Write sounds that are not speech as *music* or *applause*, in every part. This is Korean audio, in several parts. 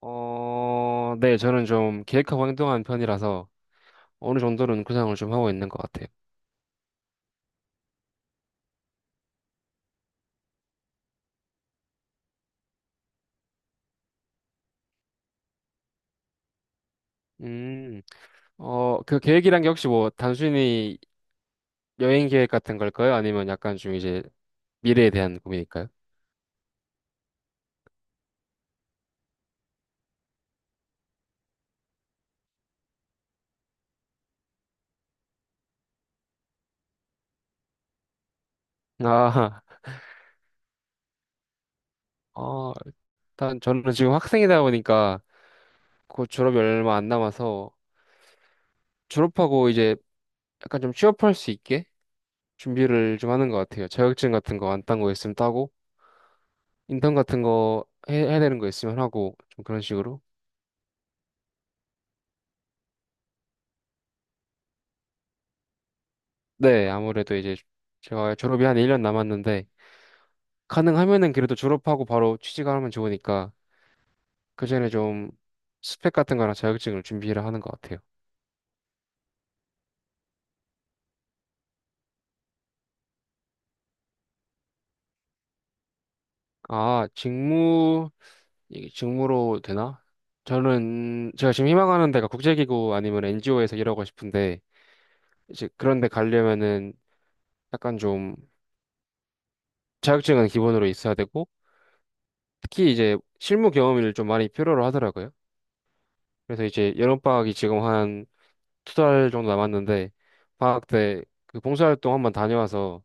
네, 저는 좀 계획하고 행동하는 편이라서 어느 정도는 구상을 좀 하고 있는 것 같아요. 음, 그 계획이란 게 혹시 뭐 단순히 여행 계획 같은 걸까요? 아니면 약간 좀 이제 미래에 대한 고민일까요? 아, *laughs* 어, 일단 저는 지금 학생이다 보니까 곧 졸업이 얼마 안 남아서 졸업하고 이제 약간 좀 취업할 수 있게 준비를 좀 하는 것 같아요. 자격증 같은 거 안 딴 거 있으면 따고, 인턴 같은 거 해야 되는 거 있으면 하고, 좀 그런 식으로. 네, 아무래도 이제 제가 졸업이 한 1년 남았는데 가능하면은 그래도 졸업하고 바로 취직을 하면 좋으니까 그 전에 좀 스펙 같은 거랑 자격증을 준비를 하는 것 같아요. 아, 직무 이게 직무로 되나? 저는 제가 지금 희망하는 데가 국제기구 아니면 NGO에서 일하고 싶은데 이제 그런 데 가려면은 약간 좀 자격증은 기본으로 있어야 되고 특히 이제 실무 경험을 좀 많이 필요로 하더라고요. 그래서 이제 여름방학이 지금 두 달 정도 남았는데 방학 때 그 봉사활동 한번 다녀와서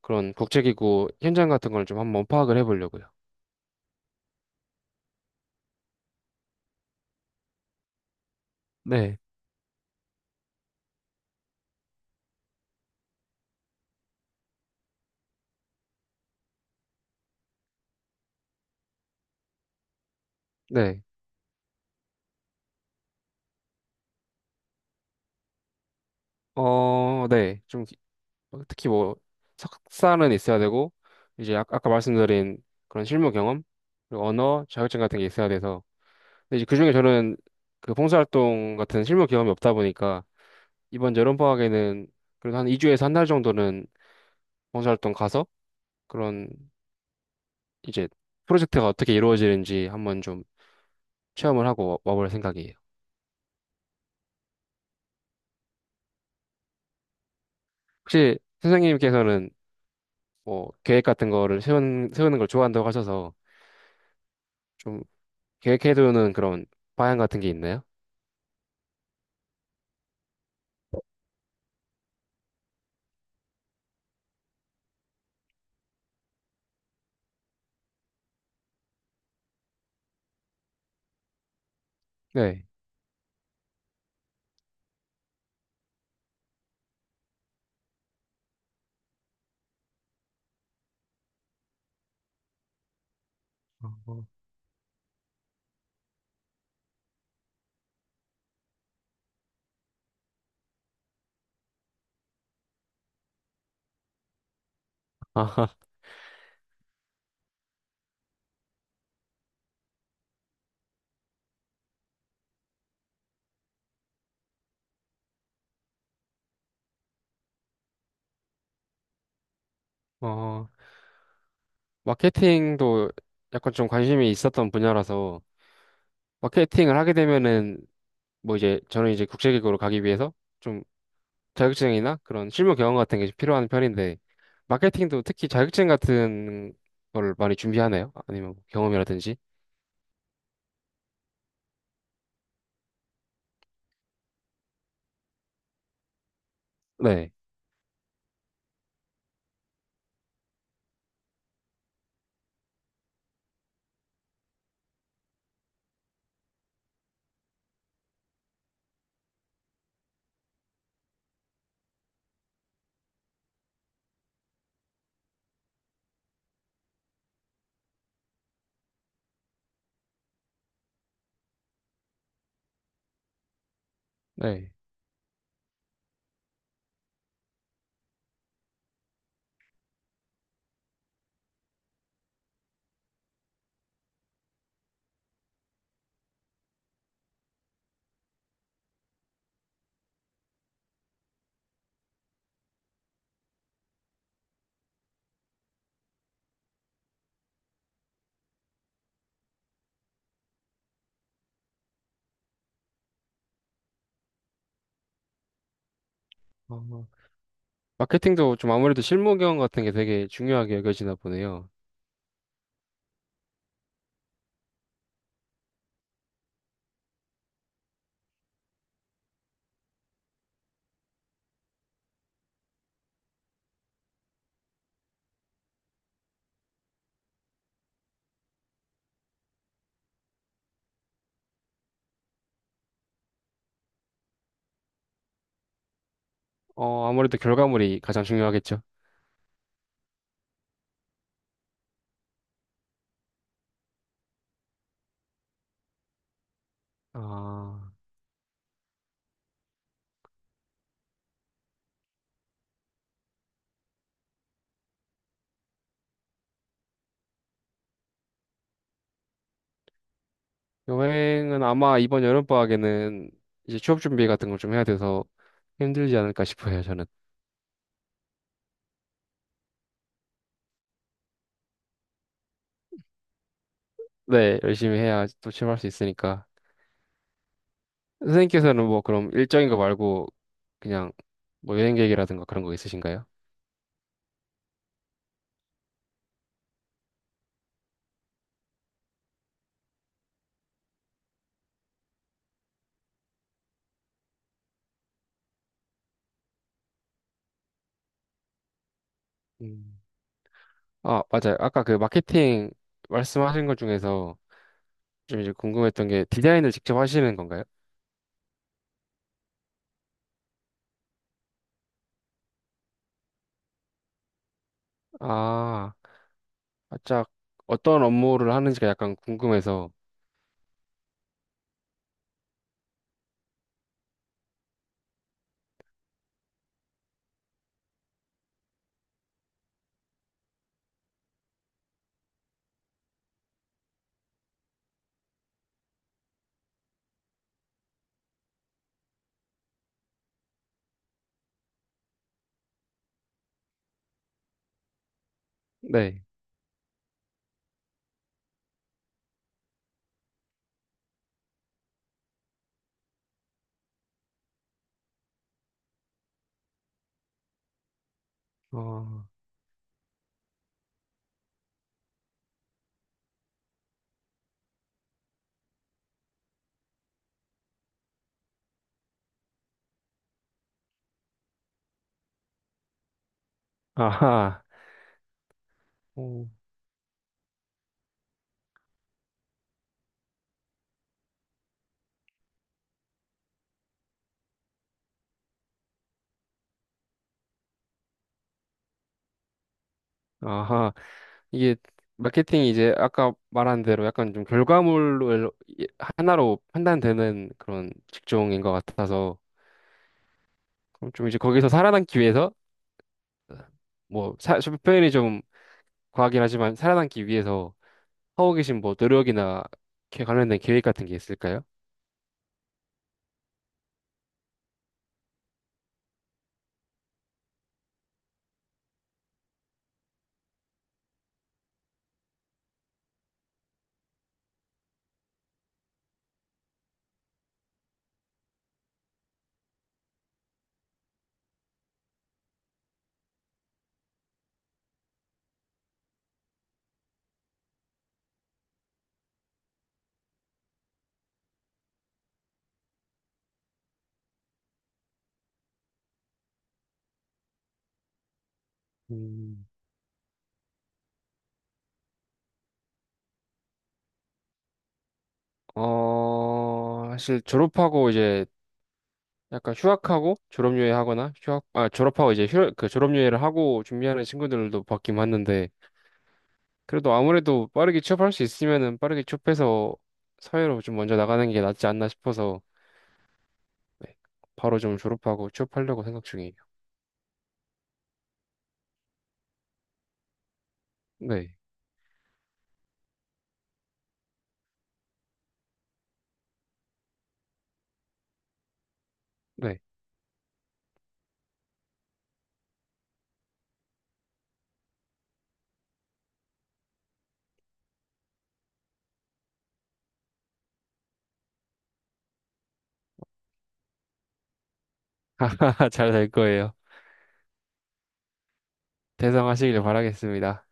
그런 국제기구 현장 같은 걸 좀 한번 파악을 해보려고요. 네. 네. 어, 네. 좀 특히 뭐 석사는 있어야 되고 이제 아까 말씀드린 그런 실무 경험 그리고 언어 자격증 같은 게 있어야 돼서 근데 이제 그중에 저는 그 봉사활동 같은 실무 경험이 없다 보니까 이번 여름 방학에는 그래도 한 2주에서 한 달 정도는 봉사활동 가서 그런 이제 프로젝트가 어떻게 이루어지는지 한번 좀 체험을 하고 볼 생각이에요. 혹시 선생님께서는 뭐 계획 같은 거를 세우는 걸 좋아한다고 하셔서 좀 계획해두는 그런 방향 같은 게 있나요? 네. 어, *laughs* 아하. 어, 마케팅도 약간 좀 관심이 있었던 분야라서 마케팅을 하게 되면은 뭐 이제 저는 이제 국제기구로 가기 위해서 좀 자격증이나 그런 실무 경험 같은 게 필요한 편인데 마케팅도 특히 자격증 같은 걸 많이 준비하나요? 아니면 뭐 경험이라든지? 네. 네. 어. 마케팅도 좀 아무래도 실무 경험 같은 게 되게 중요하게 여겨지나 보네요. 아무래도 결과물이 가장 중요하겠죠. 아, 여행은 아마 이번 여름방학에는 이제 취업 준비 같은 걸 좀 해야 돼서 힘들지 않을까 싶어요, 저는. 네, 열심히 해야 또 취업할 수 있으니까. 선생님께서는 뭐 그럼 일정인 거 말고 그냥 뭐 여행 계획이라든가 그런 거 있으신가요? 음. 아, 맞아요. 아까 그 마케팅 말씀하신 것 중에서 좀 이제 궁금했던 게 디자인을 직접 하시는 건가요? 아. 살짝 어떤 업무를 하는지가 약간 궁금해서. 네. 어, 아하. 오. 아하. 이게 마케팅이 이제 아까 말한 대로 약간 좀 결과물을 하나로 판단되는 그런 직종인 것 같아서 그럼 좀 이제 거기서 살아남기 위해서 뭐 좀 표현이 좀 과하긴 하지만 살아남기 위해서 하고 계신 뭐 노력이나 이렇게 관련된 계획 같은 게 있을까요? 음. 사실 졸업하고 이제 약간 휴학하고 졸업여행 하거나 휴학 아 졸업하고 이제 그 졸업여행을 하고 준비하는 친구들도 봤긴 봤는데 그래도 아무래도 빠르게 취업할 수 있으면은 빠르게 취업해서 사회로 좀 먼저 나가는 게 낫지 않나 싶어서 네, 바로 좀 졸업하고 취업하려고 생각 중이에요. 네, 네, *laughs* 잘 될 거예요. 대성하시길 바라겠습니다.